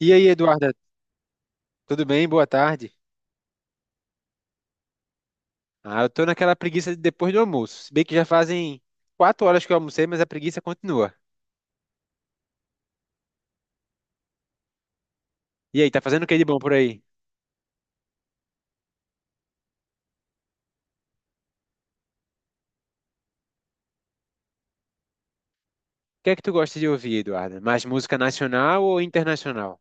E aí, Eduarda, tudo bem? Boa tarde. Ah, eu tô naquela preguiça de depois do almoço. Se bem que já fazem 4 horas que eu almocei, mas a preguiça continua. E aí, tá fazendo o que de bom por aí? O que é que tu gosta de ouvir, Eduarda? Mais música nacional ou internacional?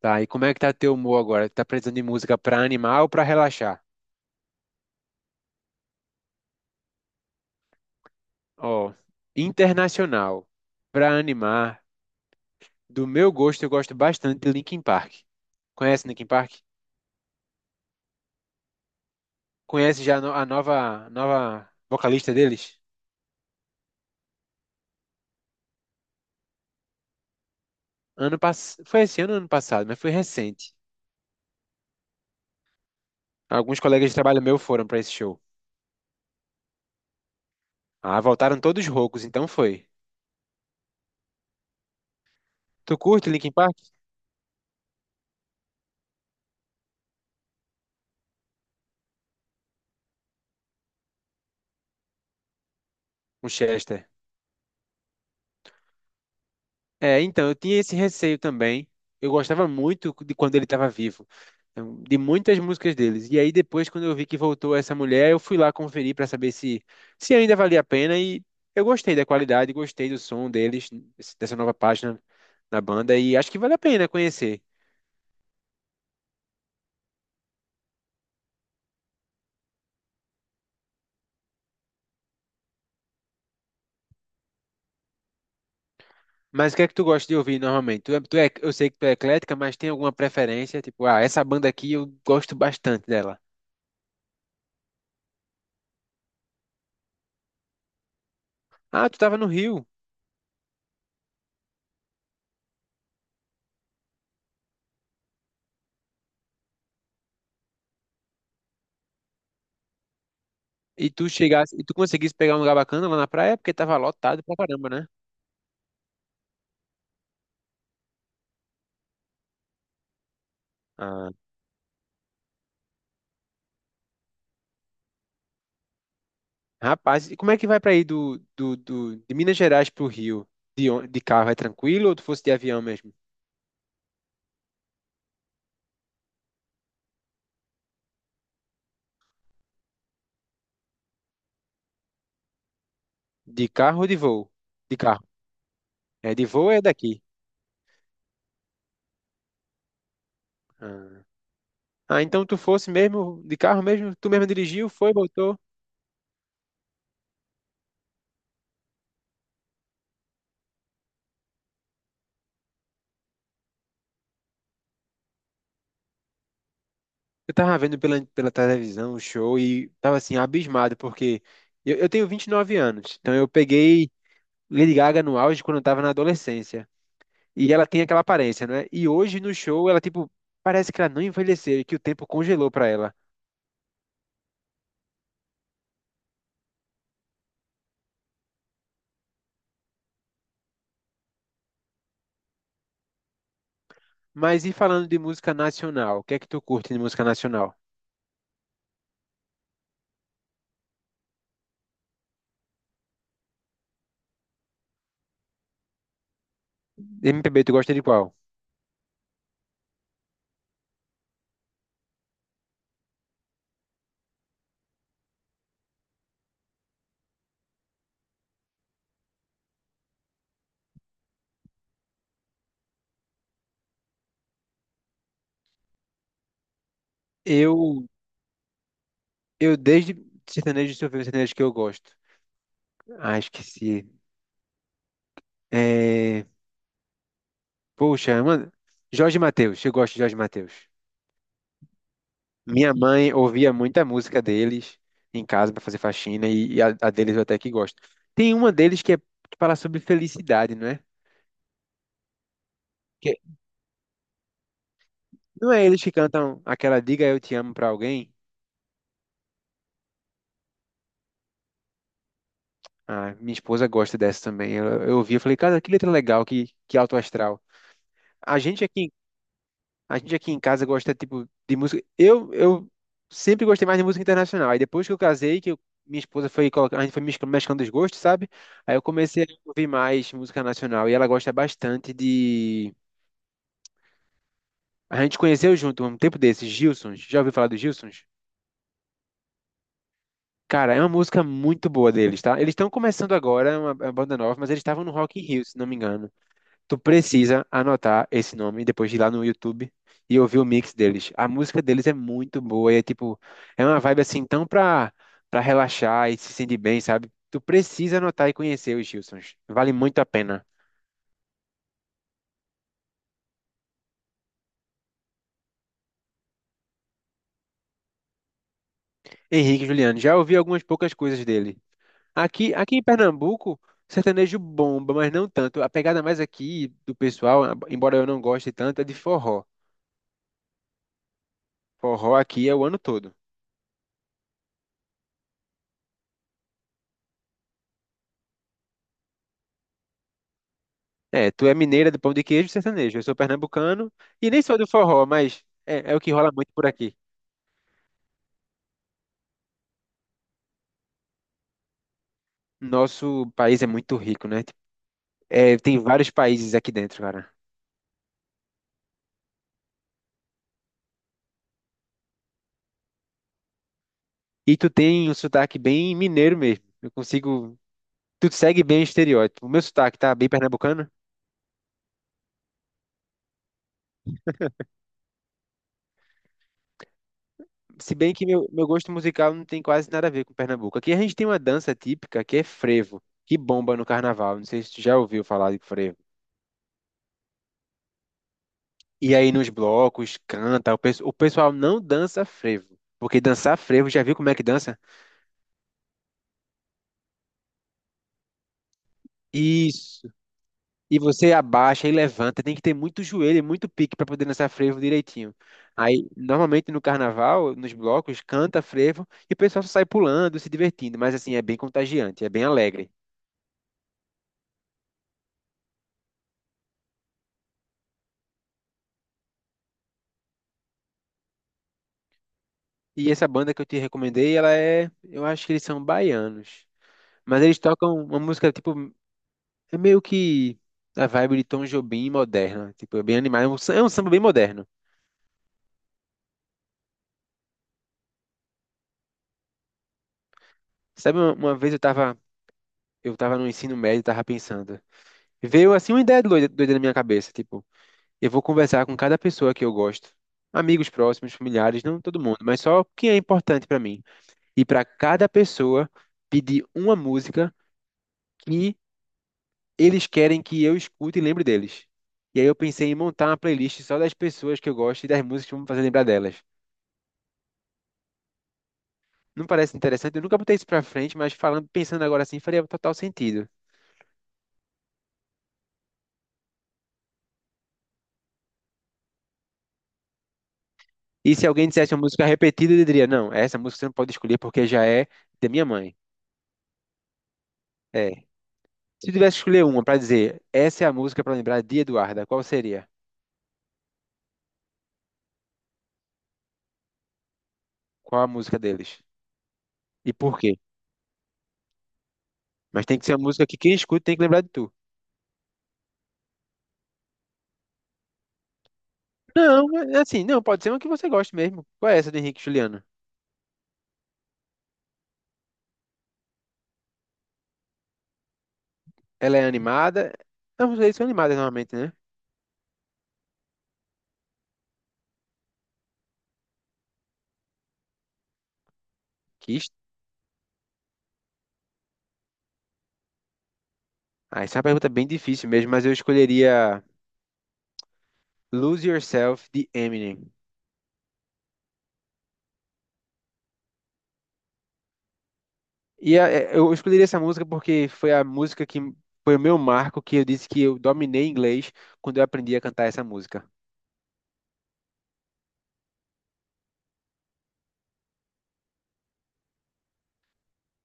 Tá, e como é que tá teu humor agora? Tá precisando de música pra animar ou pra relaxar? Ó, internacional, pra animar, do meu gosto, eu gosto bastante de Linkin Park. Conhece Linkin Park? Conhece já a nova vocalista deles? Foi esse ano ou ano passado, mas foi recente. Alguns colegas de trabalho meu foram pra esse show. Ah, voltaram todos roucos, então foi. Tu curte Linkin Park? O Chester. É, então, eu tinha esse receio também. Eu gostava muito de quando ele estava vivo, então, de muitas músicas deles. E aí depois, quando eu vi que voltou essa mulher, eu fui lá conferir para saber se, se ainda valia a pena e eu gostei da qualidade, gostei do som deles, dessa nova página na banda e acho que vale a pena conhecer. Mas o que é que tu gosta de ouvir normalmente? Tu é, eu sei que tu é eclética, mas tem alguma preferência? Tipo, ah, essa banda aqui eu gosto bastante dela. Ah, tu tava no Rio e tu chegasse e tu conseguisse pegar um lugar bacana lá na praia porque tava lotado pra caramba, né? Ah, rapaz, e como é que vai pra ir de Minas Gerais pro Rio? De carro é tranquilo ou tu fosse de avião mesmo? De carro ou de voo? De carro. É, de voo é daqui. Ah, Ah, então tu fosse mesmo de carro mesmo? Tu mesmo dirigiu, foi, voltou? Eu tava vendo pela televisão o show e tava assim, abismado, porque eu tenho 29 anos, então eu peguei Lady Gaga no auge quando eu tava na adolescência. E ela tem aquela aparência, né? E hoje no show ela, tipo, parece que ela não envelheceu e que o tempo congelou pra ela. Mas e falando de música nacional, o que é que tu curte de música nacional? MPB, tu gosta de qual? Eu, eu desde sertanejo, deixa eu ver o sertanejo que eu gosto. Ah, esqueci. É... Poxa, mano, Jorge Mateus, eu gosto de Jorge Mateus. Minha mãe ouvia muita música deles em casa para fazer faxina e, a deles eu até que gosto. Tem uma deles que, é, que fala sobre felicidade, não é? Que, não é eles que cantam aquela Diga Eu Te Amo para alguém? Ah, minha esposa gosta dessa também. Eu ouvi e falei, cara, que letra legal, que alto astral. A gente aqui A gente aqui em casa gosta, tipo, de música. Eu sempre gostei mais de música internacional. Aí depois que eu casei, minha esposa foi colocar, a gente foi mesclando os gostos, sabe? Aí eu comecei a ouvir mais música nacional. E ela gosta bastante de. A gente conheceu junto um tempo desses, Gilsons. Já ouviu falar dos Gilsons? Cara, é uma música muito boa deles, tá? Eles estão começando agora, é uma banda nova, mas eles estavam no Rock in Rio, se não me engano. Tu precisa anotar esse nome e depois de ir lá no YouTube e ouvir o mix deles. A música deles é muito boa e é tipo, é uma vibe assim pra relaxar e se sentir bem, sabe? Tu precisa anotar e conhecer os Gilsons. Vale muito a pena. Henrique e Juliano, já ouvi algumas poucas coisas dele. Aqui em Pernambuco, sertanejo bomba, mas não tanto. A pegada mais aqui do pessoal, embora eu não goste tanto, é de forró. Forró aqui é o ano todo. É, tu é mineira do pão de queijo e sertanejo. Eu sou pernambucano e nem sou do forró, mas é o que rola muito por aqui. Nosso país é muito rico, né? Tipo, É, tem vários países aqui dentro, cara. E tu tem um sotaque bem mineiro mesmo. Eu consigo. Tu segue bem o estereótipo. O meu sotaque tá bem pernambucano. Se bem que meu gosto musical não tem quase nada a ver com Pernambuco. Aqui a gente tem uma dança típica que é frevo, que bomba no carnaval. Não sei se tu já ouviu falar de frevo. E aí nos blocos, canta, o pessoal não dança frevo, porque dançar frevo, já viu como é que dança? Isso. E você abaixa e levanta, tem que ter muito joelho e muito pique para poder dançar frevo direitinho. Aí, normalmente no carnaval, nos blocos, canta frevo e o pessoal só sai pulando, se divertindo, mas assim, é bem contagiante, é bem alegre. E essa banda que eu te recomendei, ela é, eu acho que eles são baianos, mas eles tocam uma música tipo É meio que a vibe de Tom Jobim moderna. Tipo, é bem animado. É um samba bem moderno. Sabe, uma vez eu tava no ensino médio e tava pensando. Veio assim uma ideia doida na minha cabeça. Tipo, eu vou conversar com cada pessoa que eu gosto. Amigos próximos, familiares, não todo mundo, mas só quem é importante pra mim. E pra cada pessoa pedir uma música que eles querem que eu escute e lembre deles. E aí eu pensei em montar uma playlist só das pessoas que eu gosto e das músicas que vão me fazer lembrar delas. Não parece interessante? Eu nunca botei isso pra frente, mas falando, pensando agora assim, faria total sentido. E se alguém dissesse uma música repetida, eu diria, não, essa música você não pode escolher porque já é da minha mãe. É. Se eu tivesse que escolher uma pra dizer, essa é a música pra lembrar de Eduarda, qual seria? Qual a música deles? E por quê? Mas tem que ser uma música que quem escuta tem que lembrar de tu. Não, é assim, não, pode ser uma que você goste mesmo. Qual é essa do Henrique e Juliano? Ela é animada? Não, vocês são animadas normalmente, né? Que est... Ah, essa é uma pergunta bem difícil mesmo, mas eu escolheria. Lose Yourself de Eminem. É, eu escolhi essa música porque foi a música que foi o meu marco que eu disse que eu dominei inglês quando eu aprendi a cantar essa música.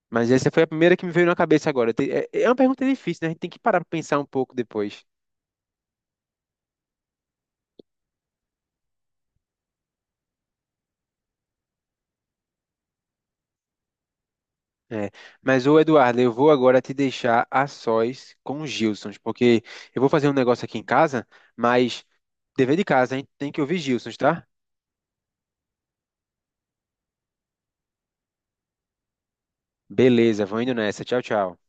Mas essa foi a primeira que me veio na cabeça agora. É uma pergunta difícil, né? A gente tem que parar para pensar um pouco depois. É. Mas, ô Eduardo, eu vou agora te deixar a sós com os Gilsons, porque eu vou fazer um negócio aqui em casa, mas dever de casa, a gente tem que ouvir Gilsons, tá? Beleza, vou indo nessa. Tchau, tchau.